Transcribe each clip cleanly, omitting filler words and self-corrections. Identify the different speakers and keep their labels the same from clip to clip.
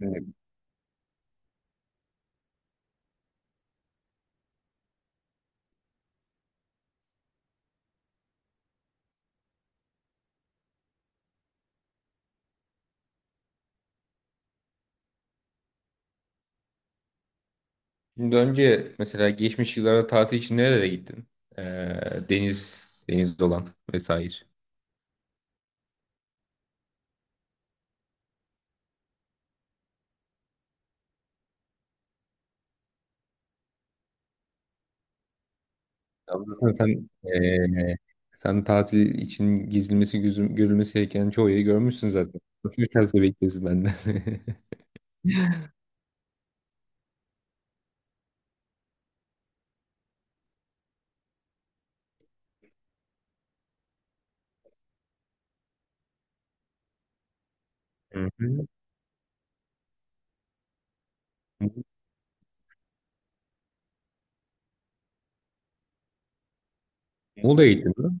Speaker 1: Evet. Şimdi önce mesela geçmiş yıllarda tatil için nerelere gittin? Ee, deniz olan vesaire. Tabii. Sen, ee, sen tatil için gezilmesi, gözüm, görülmesi gereken çoğu yeri görmüşsün zaten. Nasıl bir tavsiye bekliyorsun benden? Hı hı. Muğla'ya gittin mi?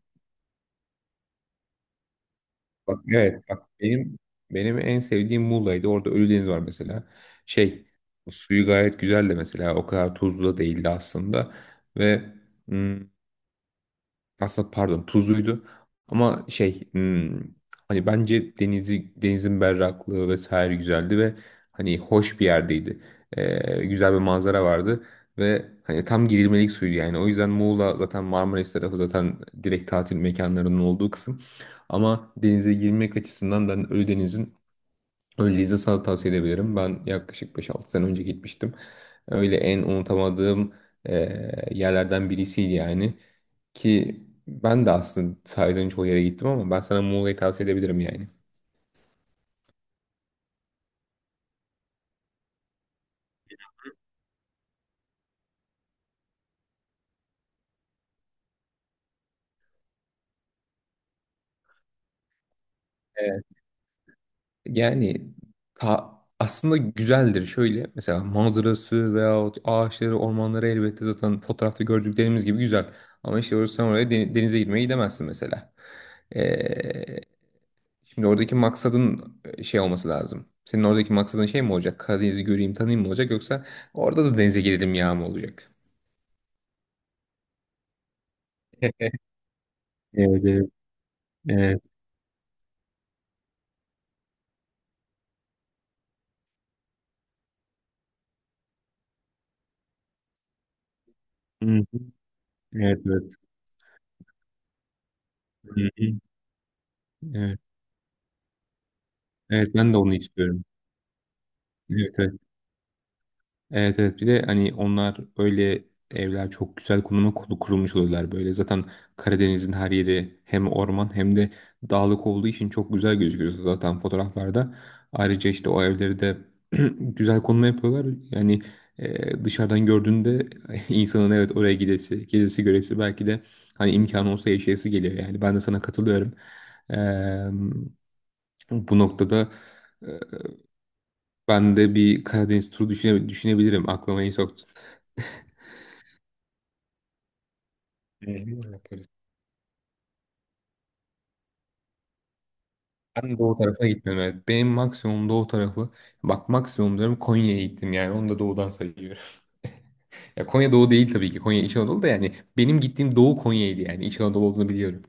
Speaker 1: Bak, evet, bak benim en sevdiğim Muğla'ydı. Orada Ölüdeniz var mesela. Şey, suyu gayet güzel de mesela o kadar tuzlu da değildi aslında. Ve aslında pardon tuzluydu ama hani bence denizi denizin berraklığı vesaire güzeldi ve hani hoş bir yerdeydi. Güzel bir manzara vardı ve hani tam girilmelik suydu yani. O yüzden Muğla zaten Marmaris tarafı zaten direkt tatil mekanlarının olduğu kısım. Ama denize girmek açısından ben Ölüdeniz'in öyleyse sana tavsiye edebilirim. Ben yaklaşık beş altı sene önce gitmiştim. Öyle en unutamadığım yerlerden birisiydi yani. Ki ben de aslında saydığın çoğu yere gittim ama ben sana Muğla'yı tavsiye edebilirim yani. Evet. Yani aslında güzeldir. Şöyle mesela manzarası veyahut ağaçları, ormanları elbette zaten fotoğrafta gördüklerimiz gibi güzel. Ama işte orası sen oraya denize girmeye gidemezsin mesela. Ee, Şimdi oradaki maksadın şey olması lazım. Senin oradaki maksadın şey mi olacak? Karadeniz'i göreyim, tanıyayım mı olacak? Yoksa orada da denize girelim ya mı olacak? Evet, evet, evet. Hı hı. Evet, evet. Hı hı. Evet, evet, ben de onu istiyorum. Evet, evet. Evet, evet, bir de hani onlar öyle evler çok güzel konuma kurulmuş oluyorlar böyle. Zaten Karadeniz'in her yeri hem orman hem de dağlık olduğu için çok güzel gözüküyor zaten fotoğraflarda. Ayrıca işte o evleri de güzel konuma yapıyorlar. Yani dışarıdan gördüğünde insanın evet oraya gidesi, gezisi, göresi belki de hani imkanı olsa yaşayası geliyor. Yani ben de sana katılıyorum. Eee, Bu noktada e, ben de bir Karadeniz turu düşünebilirim. Aklıma iyi soktun. Hı hı, yaparız. Ben doğu tarafa gitmedim. Evet. Benim maksimum doğu tarafı, bak maksimum diyorum, Konya'ya gittim yani onu da doğudan sayıyorum. Ya Konya doğu değil tabii ki, Konya İç Anadolu da yani benim gittiğim doğu Konya'ydı yani İç Anadolu olduğunu biliyorum.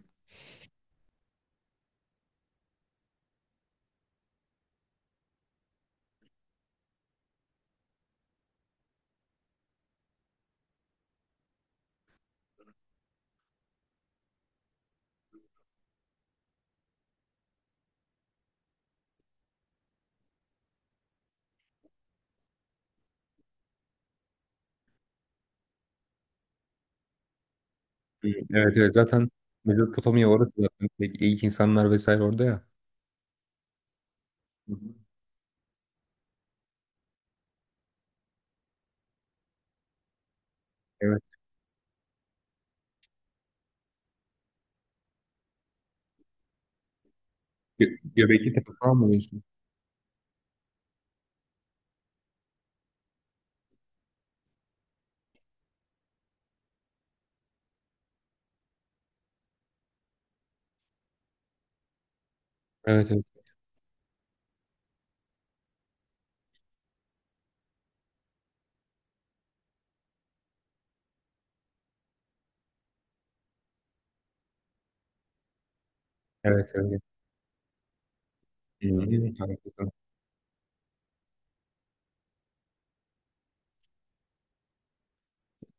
Speaker 1: Hı, evet evet zaten Mezopotamya orası zaten ilk insanlar vesaire orada ya. Hı hı. Evet. Gö Göbekli Tepe falan mı diyorsun? Evet evet. Evet evet. Hı hı.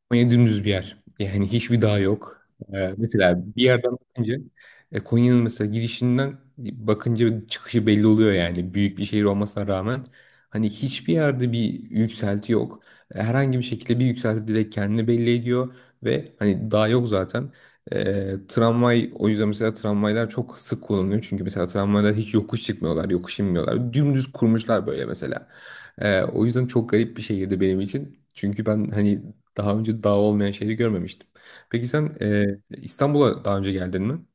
Speaker 1: Konya dümdüz bir yer. Yani hiçbir dağ yok. Mesela bir yerden bakınca Konya'nın mesela girişinden bakınca çıkışı belli oluyor yani. Büyük bir şehir olmasına rağmen hani hiçbir yerde bir yükselti yok. Herhangi bir şekilde bir yükselti direkt kendini belli ediyor ve hani dağ yok zaten. Tramvay, o yüzden mesela tramvaylar çok sık kullanılıyor. Çünkü mesela tramvaylar hiç yokuş çıkmıyorlar, yokuş inmiyorlar. Dümdüz kurmuşlar böyle mesela. O yüzden çok garip bir şehirdi benim için. Çünkü ben hani daha önce dağ olmayan şehri görmemiştim. Peki sen, İstanbul'a daha önce geldin mi?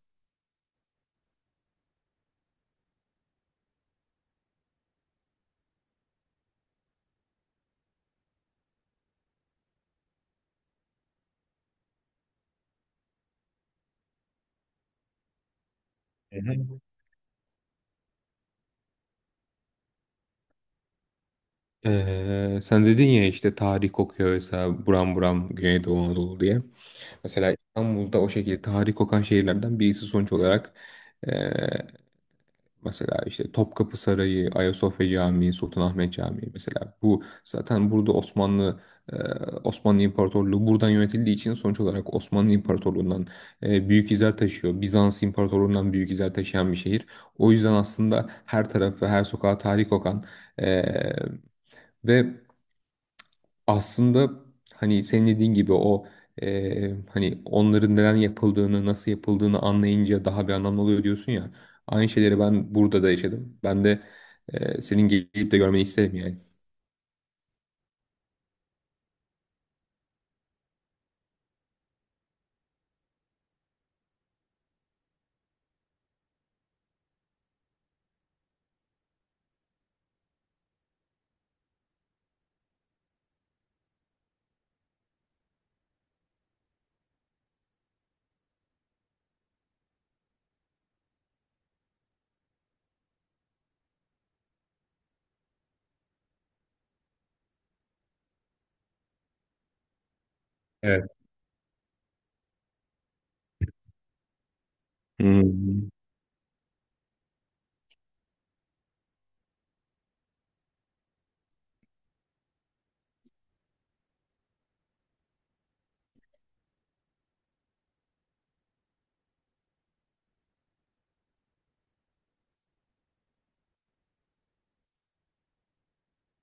Speaker 1: Sen dedin ya işte tarih kokuyor mesela buram buram Güneydoğu Anadolu diye. Mesela İstanbul'da o şekilde tarih kokan şehirlerden birisi sonuç olarak, mesela işte Topkapı Sarayı, Ayasofya Camii, Sultanahmet Camii mesela bu zaten burada e, Osmanlı İmparatorluğu buradan yönetildiği için sonuç olarak Osmanlı İmparatorluğundan büyük izler taşıyor. Bizans İmparatorluğundan büyük izler taşıyan bir şehir. O yüzden aslında her tarafı, her sokağı tarih kokan, e, ve aslında hani senin dediğin gibi o, hani onların neden yapıldığını, nasıl yapıldığını anlayınca daha bir anlam oluyor diyorsun ya. Aynı şeyleri ben burada da yaşadım. Ben de, senin gelip de görmeni isterim yani. Evet, hmm,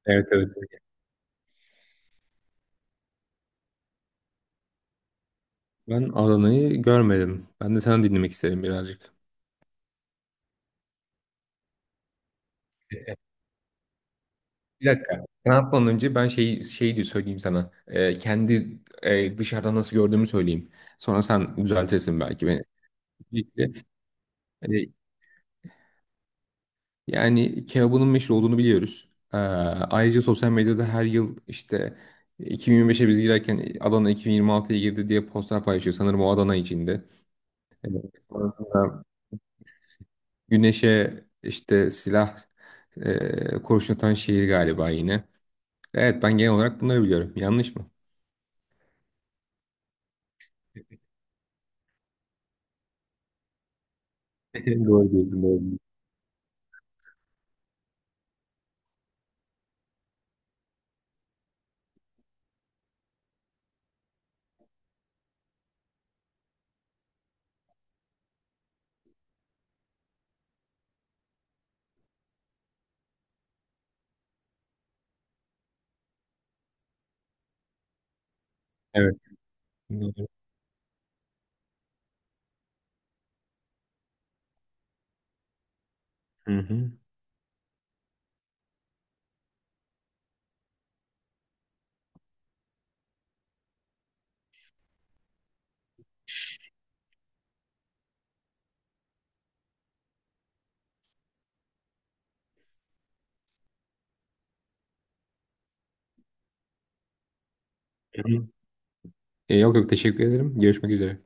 Speaker 1: evet, evet. Ben Adana'yı görmedim. Ben de sana dinlemek isterim birazcık. Bir dakika. Sen atmadan önce ben şeyi de söyleyeyim sana. Kendi, dışarıdan nasıl gördüğümü söyleyeyim. Sonra sen düzeltirsin belki beni. E, Yani kebabının meşhur olduğunu biliyoruz. Ayrıca sosyal medyada her yıl işte 2025'e biz girerken Adana 2026'ya girdi diye postlar paylaşıyor. Sanırım o Adana içinde. Sonrasında güneşe işte kurşun atan şehir galiba yine. Evet ben genel olarak bunları biliyorum. Yanlış mı? Doğru diyorsun, doğru diyorsun. Evet. Doğru. Hı hı. Hı hı. Yok yok, teşekkür ederim. Görüşmek üzere.